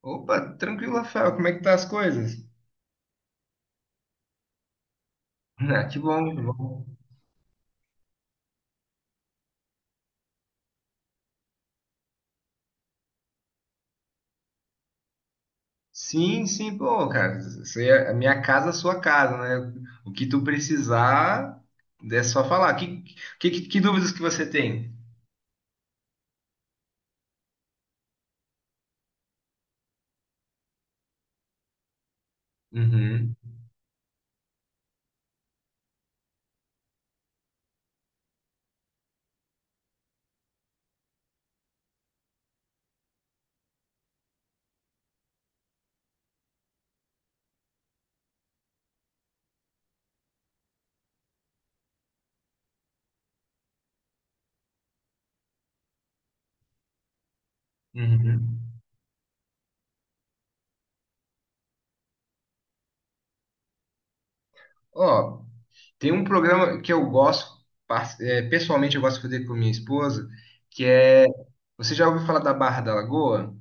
Opa, tranquilo, Rafael. Como é que tá as coisas? Ah, que bom, que bom. Sim, sim, pô, cara. Você, a minha casa, a sua casa, né? O que tu precisar, é só falar. Que dúvidas que você tem? Uhum, uhum. Ó, tem um programa que eu gosto, pessoalmente eu gosto de fazer com minha esposa, que é... Você já ouviu falar da Barra da Lagoa?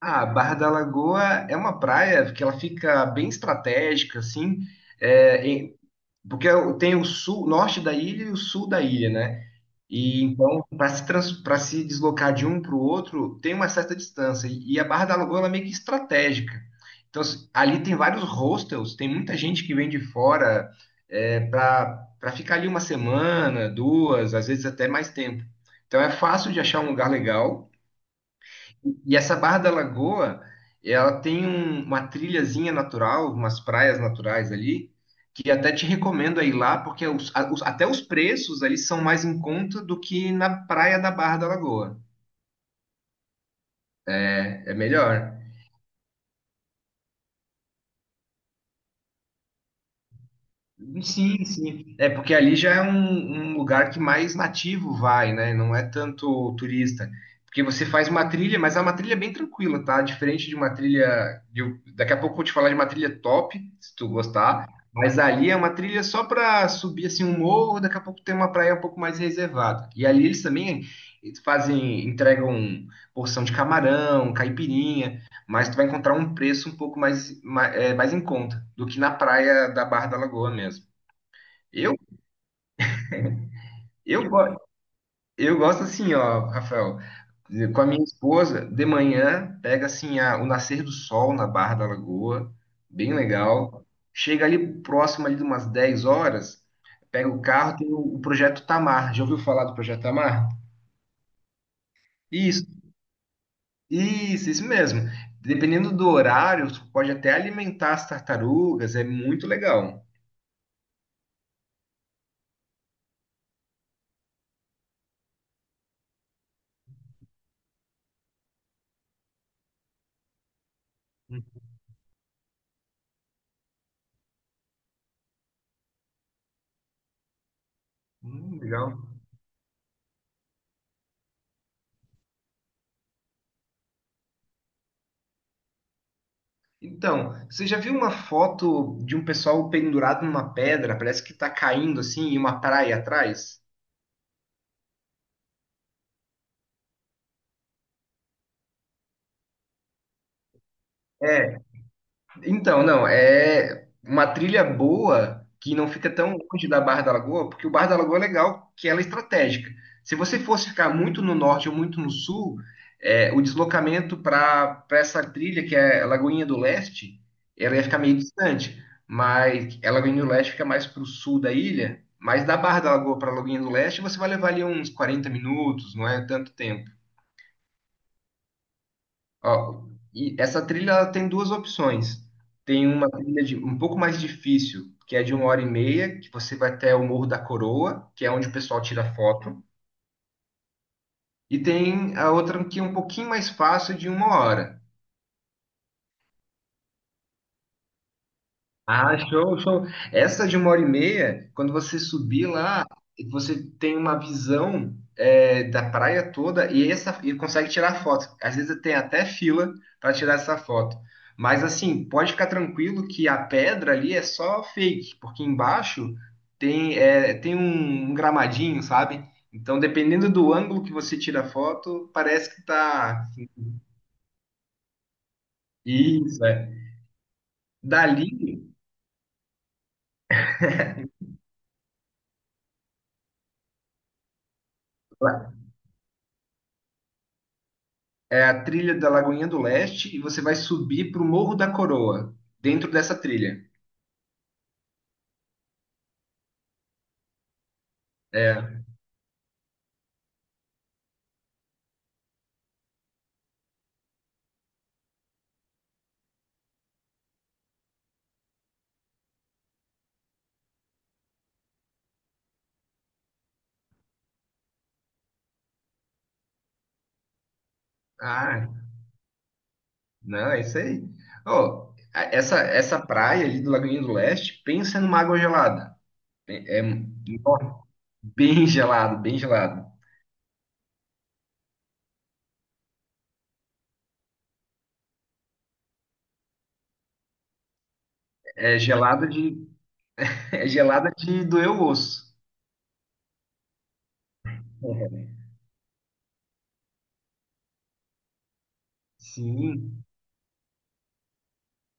Ah, Barra da Lagoa é uma praia que ela fica bem estratégica, assim, é, em- Porque tem o sul, norte da ilha e o sul da ilha, né? E então, para se, trans- pra se deslocar de um para o outro, tem uma certa distância. E a Barra da Lagoa ela é meio que estratégica. Então, ali tem vários hostels, tem muita gente que vem de fora para ficar ali uma semana, duas, às vezes até mais tempo. Então, é fácil de achar um lugar legal. E essa Barra da Lagoa, ela tem uma trilhazinha natural, umas praias naturais ali, que até te recomendo a ir lá, porque até os preços ali são mais em conta do que na praia da Barra da Lagoa. É melhor. Sim, sim. É porque ali já é um lugar que mais nativo vai, né? Não é tanto turista. Porque você faz uma trilha, mas é uma trilha bem tranquila, tá? Diferente de uma trilha. Daqui a pouco eu vou te falar de uma trilha top, se tu gostar. Mas ali é uma trilha só para subir assim um morro, daqui a pouco tem uma praia um pouco mais reservada. E ali eles também fazem, entregam porção de camarão, caipirinha, mas tu vai encontrar um preço um pouco mais em conta do que na praia da Barra da Lagoa mesmo. Eu, eu, go- eu gosto assim, ó, Rafael, com a minha esposa, de manhã, pega assim o nascer do sol na Barra da Lagoa, bem legal. Chega ali próximo ali de umas 10 horas, pega o carro, tem o Projeto Tamar. Já ouviu falar do Projeto Tamar? Isso, isso mesmo. Dependendo do horário, tu pode até alimentar as tartarugas, é muito legal. Legal. Então, você já viu uma foto de um pessoal pendurado numa pedra? Parece que tá caindo assim, e uma praia atrás? É. Então, não, é uma trilha boa que não fica tão longe da Barra da Lagoa, porque o Barra da Lagoa é legal, que ela é estratégica. Se você fosse ficar muito no norte ou muito no sul, é, o deslocamento para essa trilha, que é a Lagoinha do Leste, ela ia ficar meio distante, mas a Lagoinha do Leste fica mais para o sul da ilha, mas da Barra da Lagoa para a Lagoinha do Leste, você vai levar ali uns 40 minutos, não é tanto tempo. Ó, e essa trilha ela tem duas opções. Tem uma trilha de, um pouco mais difícil, que é de 1 hora e meia, que você vai até o Morro da Coroa, que é onde o pessoal tira foto. E tem a outra que é um pouquinho mais fácil, de 1 hora. Ah, show, show. Essa de 1 hora e meia, quando você subir lá, você tem uma visão, é, da praia toda e, essa, e consegue tirar foto. Às vezes tem até fila para tirar essa foto. Mas assim, pode ficar tranquilo que a pedra ali é só fake, porque embaixo tem, é, tem um gramadinho, sabe? Então, dependendo do ângulo que você tira a foto, parece que tá. Isso, é. Dali. É a trilha da Lagoinha do Leste e você vai subir pro Morro da Coroa, dentro dessa trilha. É. Ah, não, é isso aí. Ó, essa praia ali do Lagoinha do Leste, pensa numa água gelada. É nó, bem gelado, bem gelado. É gelada de, é gelada de doer o osso. Sim.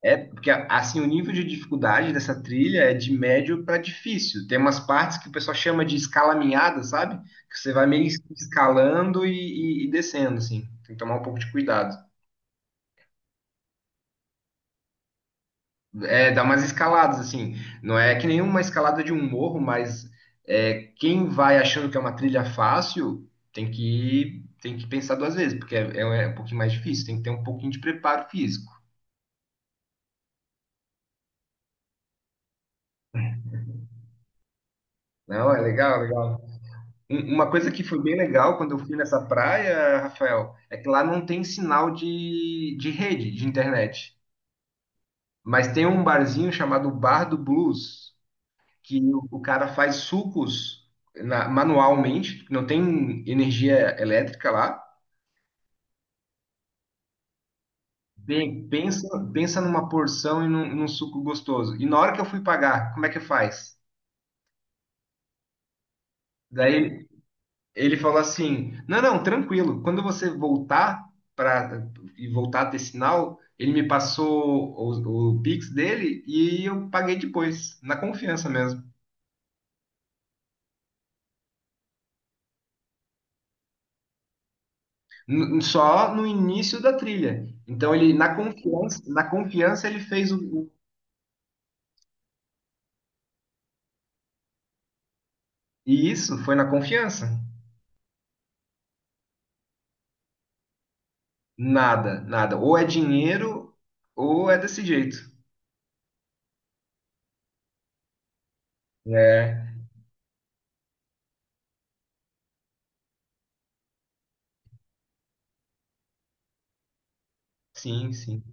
É, porque assim, o nível de dificuldade dessa trilha é de médio para difícil. Tem umas partes que o pessoal chama de escalaminhada, sabe? Que você vai meio que escalando e descendo, assim. Tem que tomar um pouco de cuidado. É, dá umas escaladas, assim. Não é que nenhuma escalada de um morro, mas é, quem vai achando que é uma trilha fácil tem que pensar duas vezes, porque é, é um pouquinho mais difícil, tem que ter um pouquinho de preparo físico. Não, é legal, legal. Uma coisa que foi bem legal quando eu fui nessa praia, Rafael, é que lá não tem sinal de rede, de internet. Mas tem um barzinho chamado Bar do Blues, que o cara faz sucos manualmente, não tem energia elétrica lá. Bem, pensa numa porção e num suco gostoso. E na hora que eu fui pagar, como é que faz? Daí ele falou assim: "Não, não, tranquilo. Quando você voltar para e voltar a ter sinal." Ele me passou o Pix dele e eu paguei depois, na confiança mesmo. N- só no início da trilha. Então ele na confiança ele fez e isso foi na confiança. Nada, nada. Ou é dinheiro ou é desse jeito. É, sim, sim.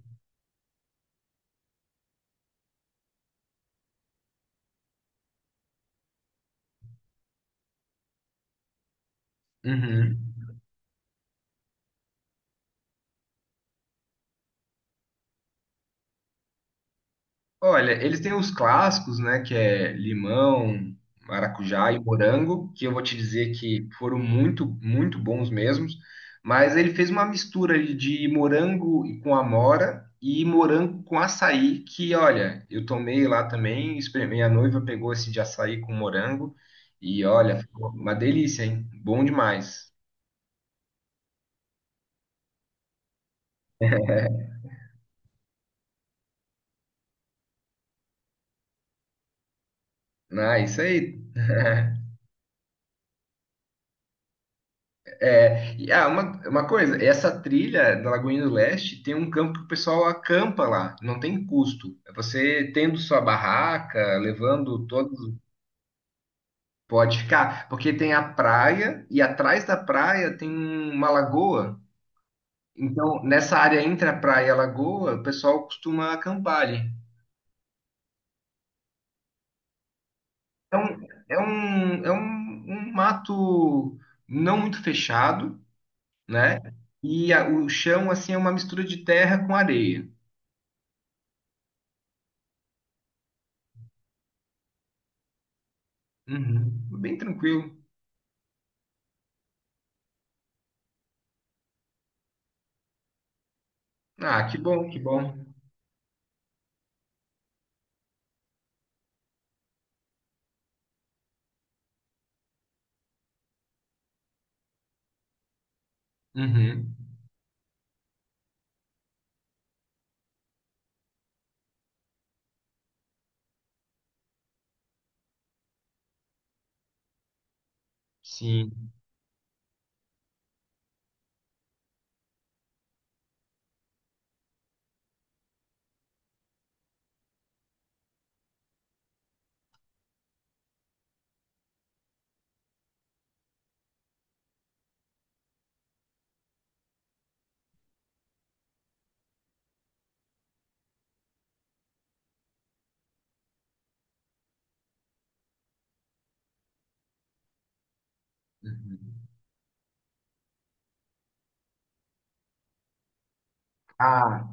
Uhum. Olha, eles têm os clássicos, né, que é limão, maracujá e morango, que eu vou te dizer que foram muito, muito bons mesmos, mas ele fez uma mistura ali de morango e com amora e morango com açaí, que olha, eu tomei lá também, experimentei, a noiva pegou esse de açaí com morango e olha, ficou uma delícia, hein? Bom demais. Ah, isso aí. É, e, ah, uma coisa, essa trilha da Lagoinha do Leste tem um campo que o pessoal acampa lá, não tem custo. É, você tendo sua barraca, levando todos, pode ficar, porque tem a praia e atrás da praia tem uma lagoa. Então, nessa área entre a praia e a lagoa, o pessoal costuma acampar ali. Então, um mato não muito fechado, né? E o chão, assim, é uma mistura de terra com areia. Uhum. Bem tranquilo. Ah, que bom, que bom. Uhum. Sim. Uhum. Ah,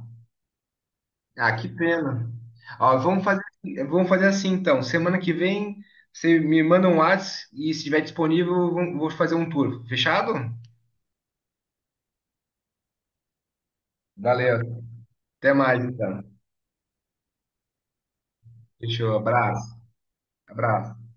ah, que pena. Ó, vamos fazer assim então. Semana que vem você me manda um WhatsApp e se estiver disponível, vou fazer um tour. Fechado? Valeu. Até mais então. Fechou. Abraço. Abraço.